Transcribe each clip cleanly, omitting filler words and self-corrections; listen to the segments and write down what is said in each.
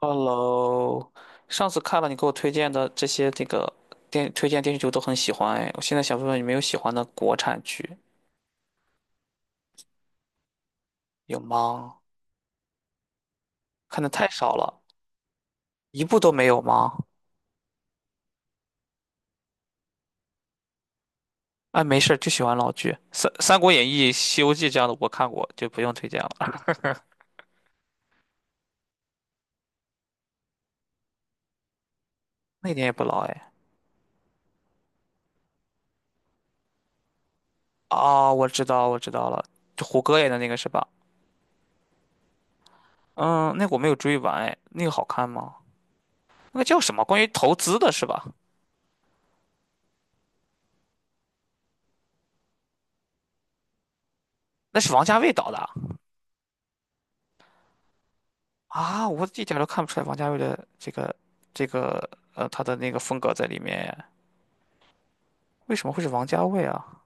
Hello，上次看了你给我推荐的这些这个电推荐电视剧，我都很喜欢哎。我现在想问问你，没有喜欢的国产剧有吗？看的太少了，一部都没有吗？哎，没事儿，就喜欢老剧，《三国演义》《西游记》这样的我看过，就不用推荐了。那点也不老哎。啊，我知道，我知道了，就胡歌演的那个是吧？嗯，那个我没有追完哎，那个好看吗？那个叫什么？关于投资的是吧？那是王家卫导的。啊，我一点儿都看不出来王家卫的这个他的那个风格在里面耶，为什么会是王家卫啊？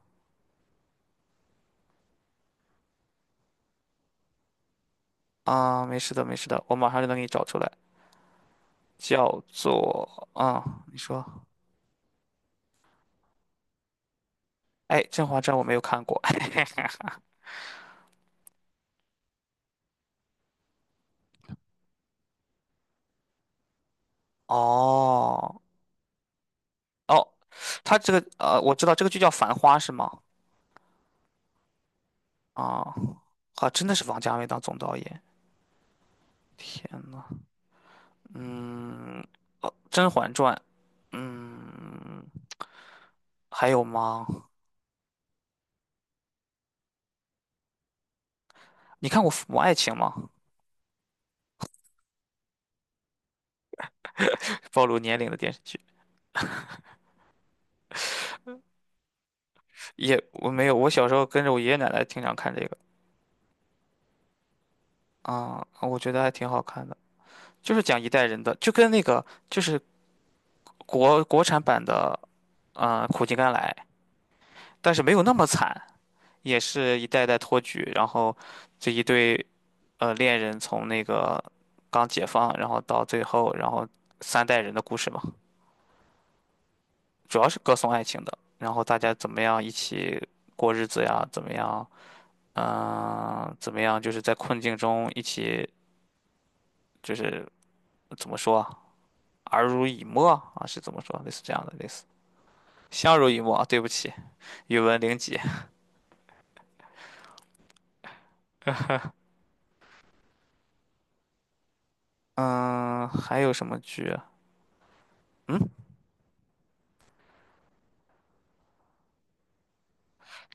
啊，没事的，没事的，我马上就能给你找出来，叫做啊、你说，哎，《甄嬛传》我没有看过，哦哦，他这个，我知道这个剧叫《繁花》是吗？啊啊，真的是王家卫当总导演，天呐，嗯，《甄嬛传》，嗯，还有吗？你看过《父母爱情》吗？暴露年龄的电视剧，也我没有，我小时候跟着我爷爷奶奶经常看这个啊，我觉得还挺好看的，就是讲一代人的，就跟那个就是国产版的，啊苦尽甘来，但是没有那么惨，也是一代代托举，然后这一对恋人从那个刚解放，然后到最后，然后三代人的故事嘛，主要是歌颂爱情的，然后大家怎么样一起过日子呀，怎么样。嗯、怎么样？就是在困境中一起，就是怎么说啊，耳濡以沫啊，是怎么说？类似这样的，类似相濡以沫啊。对不起，语文零级。嗯、还有什么剧？嗯，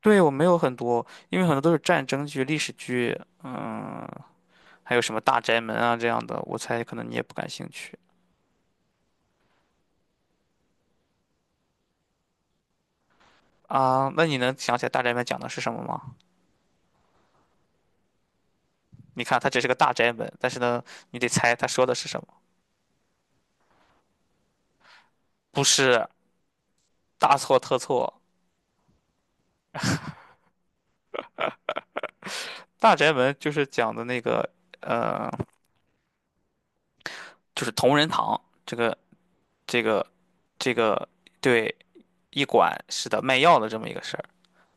对，我没有很多，因为很多都是战争剧、历史剧，嗯，还有什么《大宅门》啊这样的，我猜可能你也不感兴趣啊。那你能想起来《大宅门》讲的是什么吗？你看，它只是个大宅门，但是呢，你得猜它说的是什么，不是大错特错。大宅门就是讲的那个，呃，就是同仁堂这个这个对医馆是的卖药的这么一个事儿，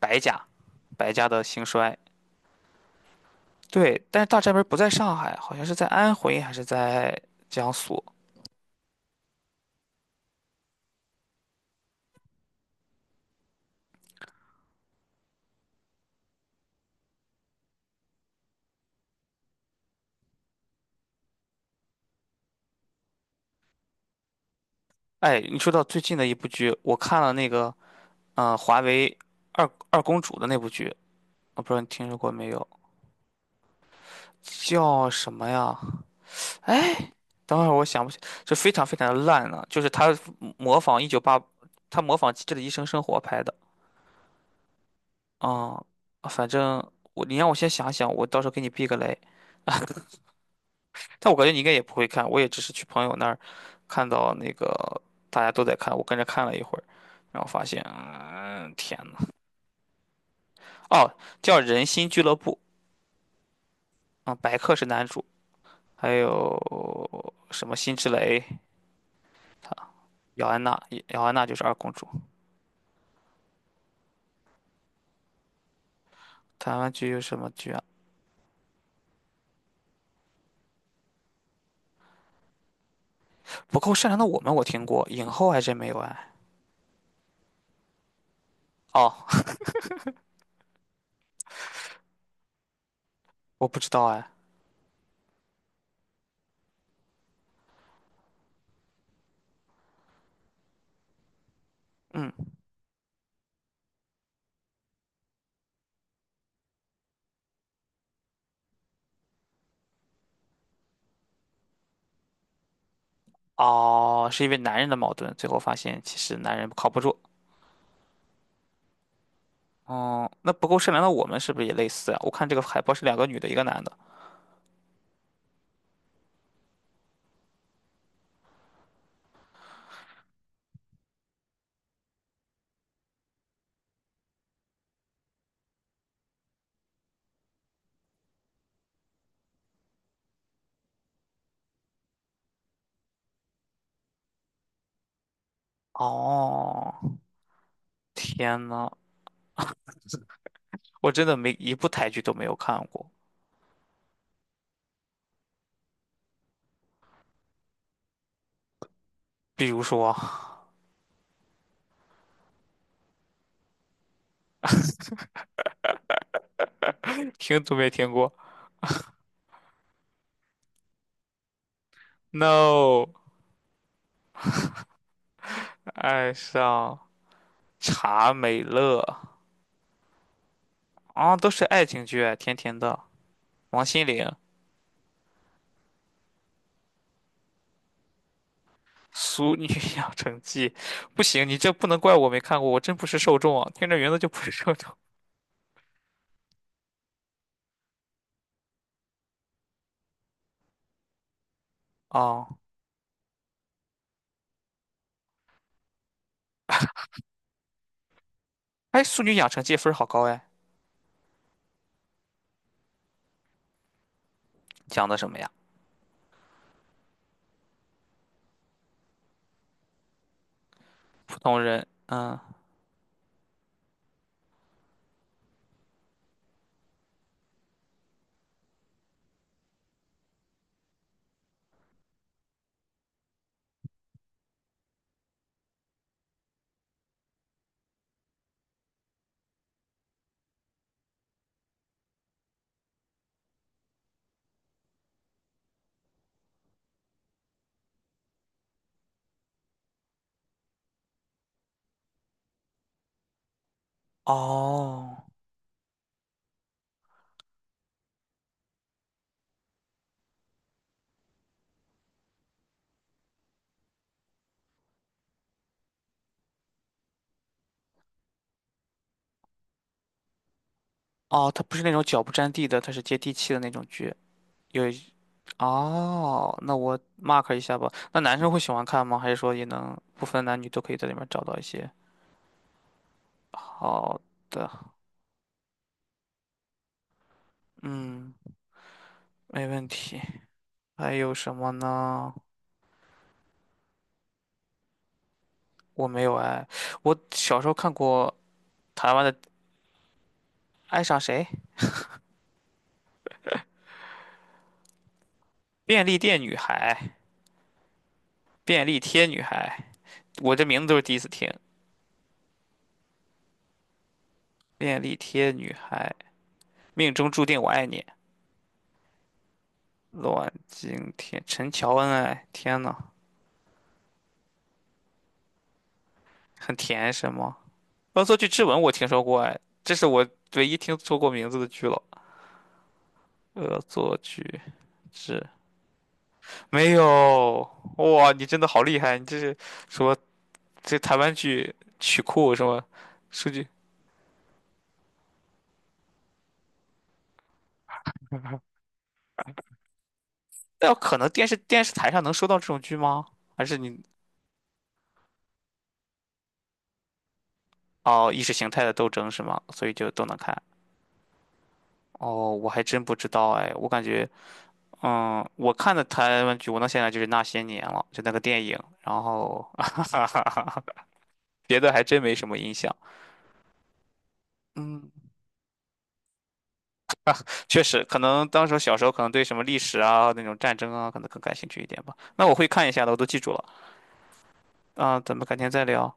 白家白家的兴衰。对，但是大宅门不在上海，好像是在安徽还是在江苏。哎，你说到最近的一部剧，我看了那个，嗯，华为二公主的那部剧，我不知道你听说过没有，叫什么呀？哎，等会儿我想不起，这非常非常的烂了、就是模仿一九八，他模仿《机智的医生生活》拍的。啊，反正你让我先想想，我到时候给你避个雷。但我感觉你应该也不会看，我也只是去朋友那儿看到那个大家都在看，我跟着看了一会儿，然后发现，嗯，天呐，哦，叫《人心俱乐部》啊、白客是男主，还有什么辛芷蕾、姚安娜，姚安娜就是二公主。台湾剧有什么剧？啊？不够善良的我们我听过，影后还真没有哎。哦，我不知道哎。嗯，哦，是因为男人的矛盾，最后发现其实男人靠不住。哦，那不够善良的我们是不是也类似啊？我看这个海报是两个女的，一个男的。哦，天呐，我真的没一部台剧都没有看过，比如说 听都没听过，No，爱上查美乐啊，都是爱情剧啊，甜甜的，王心凌。俗女养成记，不行，你这不能怪我没看过，我真不是受众啊，听着名字就不是受众。哦，哎，《俗女养成记》分儿好高哎，讲的什么呀？普通人，嗯，哦，哦，它不是那种脚不沾地的，它是接地气的那种剧。有一，哦，那我 mark 一下吧。那男生会喜欢看吗？还是说也能不分男女都可以在里面找到一些好的？嗯，没问题。还有什么呢？我没有哎，我小时候看过。台湾的爱上谁？便利店女孩，便利贴女孩，我这名字都是第一次听。便利贴女孩，命中注定我爱你。阮经天，陈乔恩，哎，天呐，很甜是吗？恶作剧之吻我听说过，哎，这是我唯一听说过名字的剧了。恶作剧之没有，哇，你真的好厉害！你这是说这台湾剧曲库什么数据？那有可能电视台上能收到这种剧吗？还是你哦，意识形态的斗争是吗？所以就都能看。哦，我还真不知道哎，我感觉，嗯，我看的台湾剧，我能想起来就是那些年了，就那个电影，然后，别的还真没什么印象。嗯，确实，可能当时小时候可能对什么历史啊、那种战争啊，可能更感兴趣一点吧。那我会看一下的，我都记住了。啊，咱们改天再聊，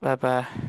拜拜。